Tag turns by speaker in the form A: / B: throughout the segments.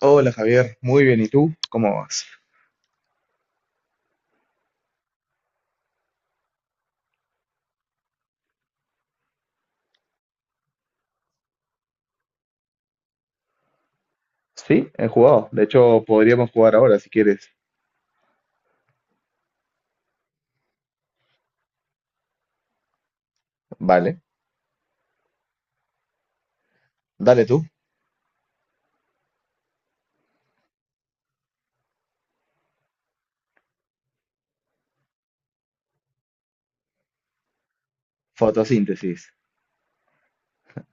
A: Hola Javier, muy bien. ¿Y tú? ¿Cómo vas? Sí, he jugado. De hecho, podríamos jugar ahora si quieres. Vale, dale tú. Fotosíntesis.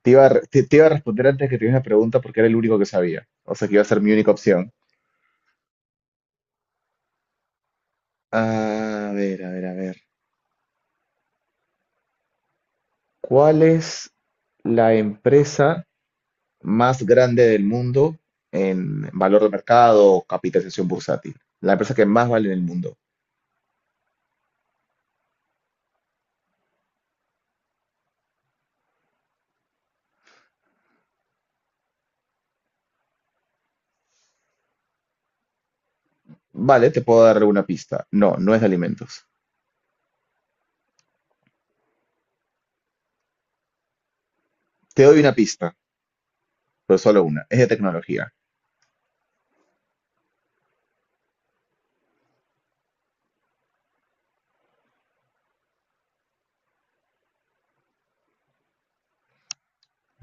A: Te iba a responder antes que tuvieras una pregunta porque era el único que sabía. O sea que iba a ser mi única opción. A ver, a ver, a ver. ¿Cuál es la empresa más grande del mundo en valor de mercado o capitalización bursátil? La empresa que más vale en el mundo. Vale, te puedo dar una pista. No, no es de alimentos. Te doy una pista, pero solo una. Es de tecnología.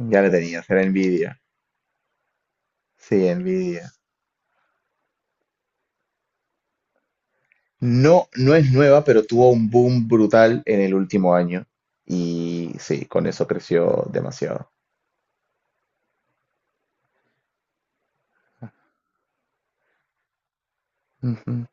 A: Ya la tenías, era Nvidia. Sí, Nvidia. No, no es nueva, pero tuvo un boom brutal en el último año. Y sí, con eso creció demasiado. Ujú.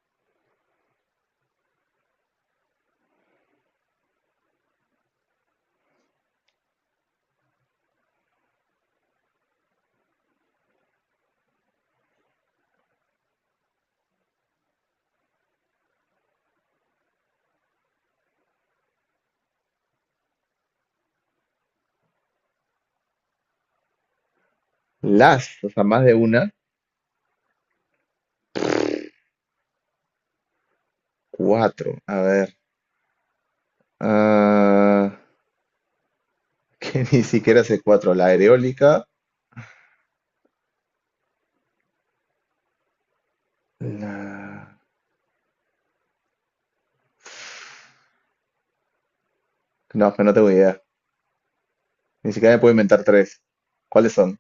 A: O sea, más de una, cuatro. A ver. ah, que ni siquiera sé cuatro. La aerólica. La... No, pero no tengo idea. Ni siquiera me puedo inventar tres. ¿Cuáles son?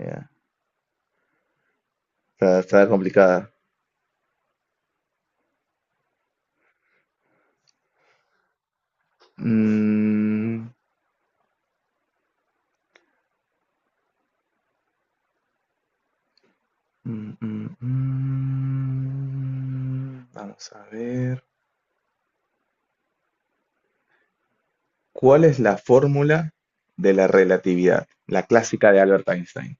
A: Ya. Está complicada. Mm, Mm, mm, mm. Vamos a ver. ¿Cuál es la fórmula de la relatividad? La clásica de Albert Einstein.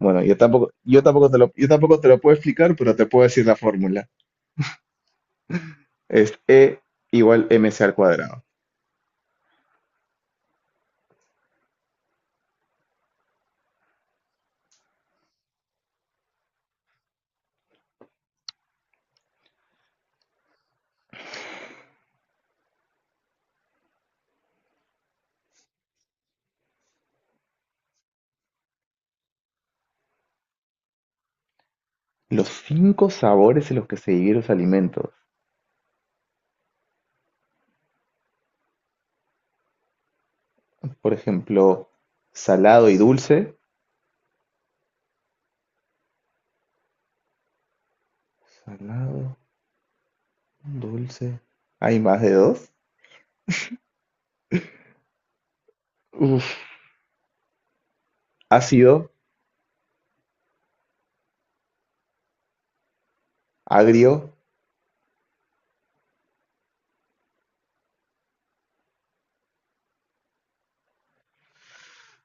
A: Bueno, yo tampoco te lo puedo explicar, pero te puedo decir la fórmula. Es E igual mc al cuadrado. Los cinco sabores en los que se dividen los alimentos. Por ejemplo, salado y dulce. Salado, dulce. ¿Hay más de dos? Uf, ácido, agrio.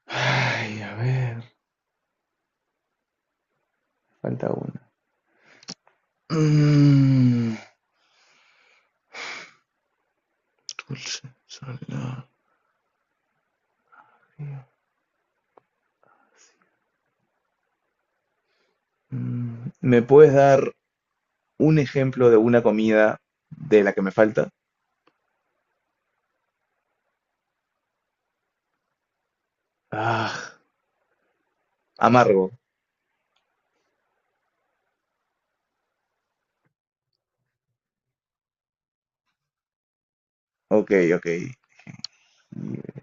A: Ay, a ver. Falta una. Mm, dulce, salada. ¿Me puedes dar un ejemplo de una comida de la que me falta? Ah, amargo. Ok, ok. Jengibre.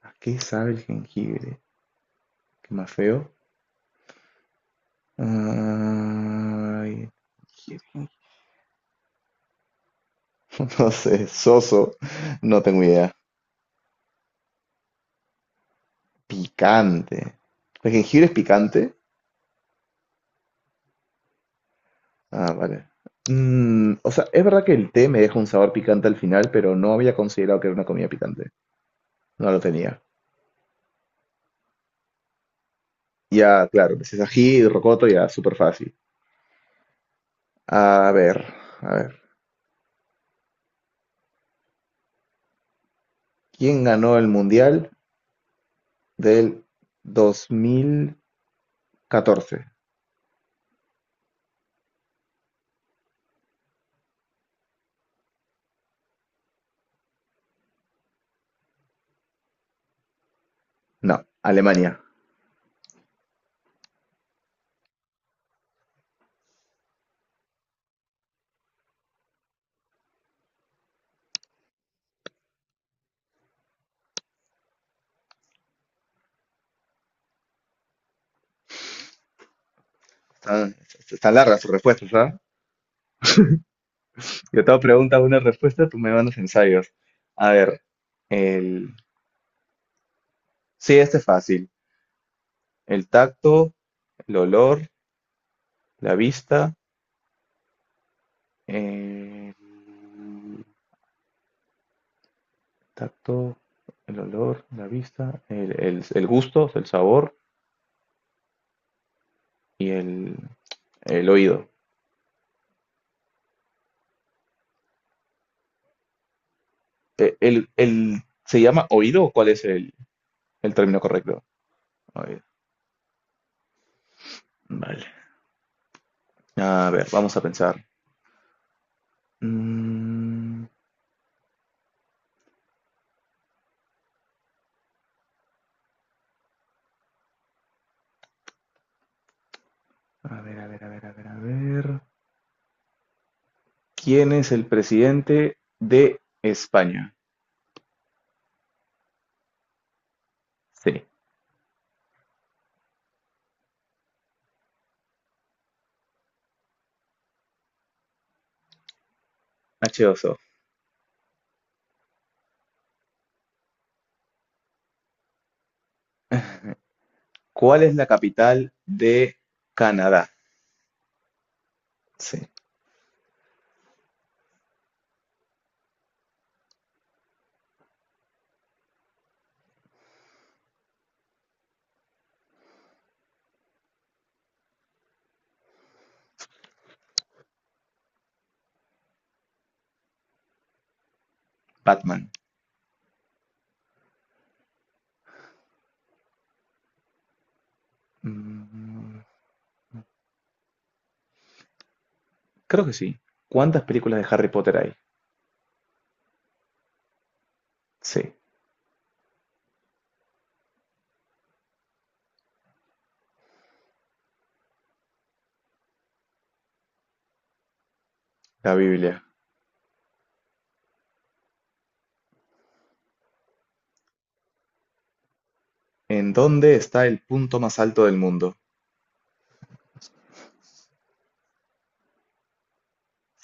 A: ¿A qué sabe el jengibre? ¿Qué más feo? Ay, jengibre. No sé, soso. No tengo idea. Picante. ¿El jengibre es picante? Ah, vale. O sea, es verdad que el té me deja un sabor picante al final, pero no había considerado que era una comida picante. No lo tenía. Ya, claro, pues es ají y rocoto, ya, súper fácil. A ver, a ver. ¿Quién ganó el Mundial del 2014? No, Alemania. Están, están largas sus respuestas, ¿ah? Yo te hago pregunta, una respuesta, tú me mandas ensayos. A ver, el... Sí, este es fácil. El tacto, el olor, la vista El tacto, el olor, la vista, el gusto, el sabor y el oído. Eh, El, el- ¿Se llama oído o cuál es el término correcto? Oído. Vale. A ver, vamos a pensar. Mm, a ver, a ver, a ver, a ver, a ver. ¿Quién es el presidente de España? Sí, H2O. ¿Cuál es la capital de Canadá? Sí, Batman. Mm, Creo que sí. ¿Cuántas películas de Harry Potter hay? Sí, la Biblia. ¿En dónde está el punto más alto del mundo?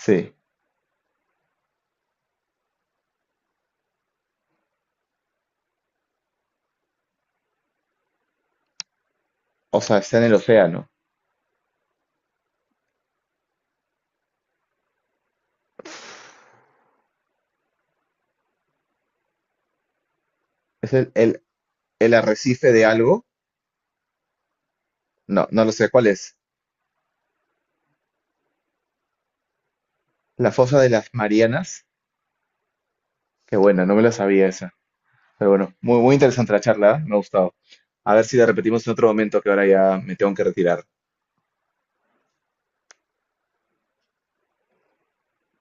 A: Sí, o sea, está en el océano. ¿Es el arrecife de algo? No, no lo sé, ¿cuál es? ¿La fosa de las Marianas? Qué buena, no me la sabía esa. Pero bueno, muy, muy interesante la charla, ¿eh? Me ha gustado. A ver si la repetimos en otro momento, que ahora ya me tengo que retirar.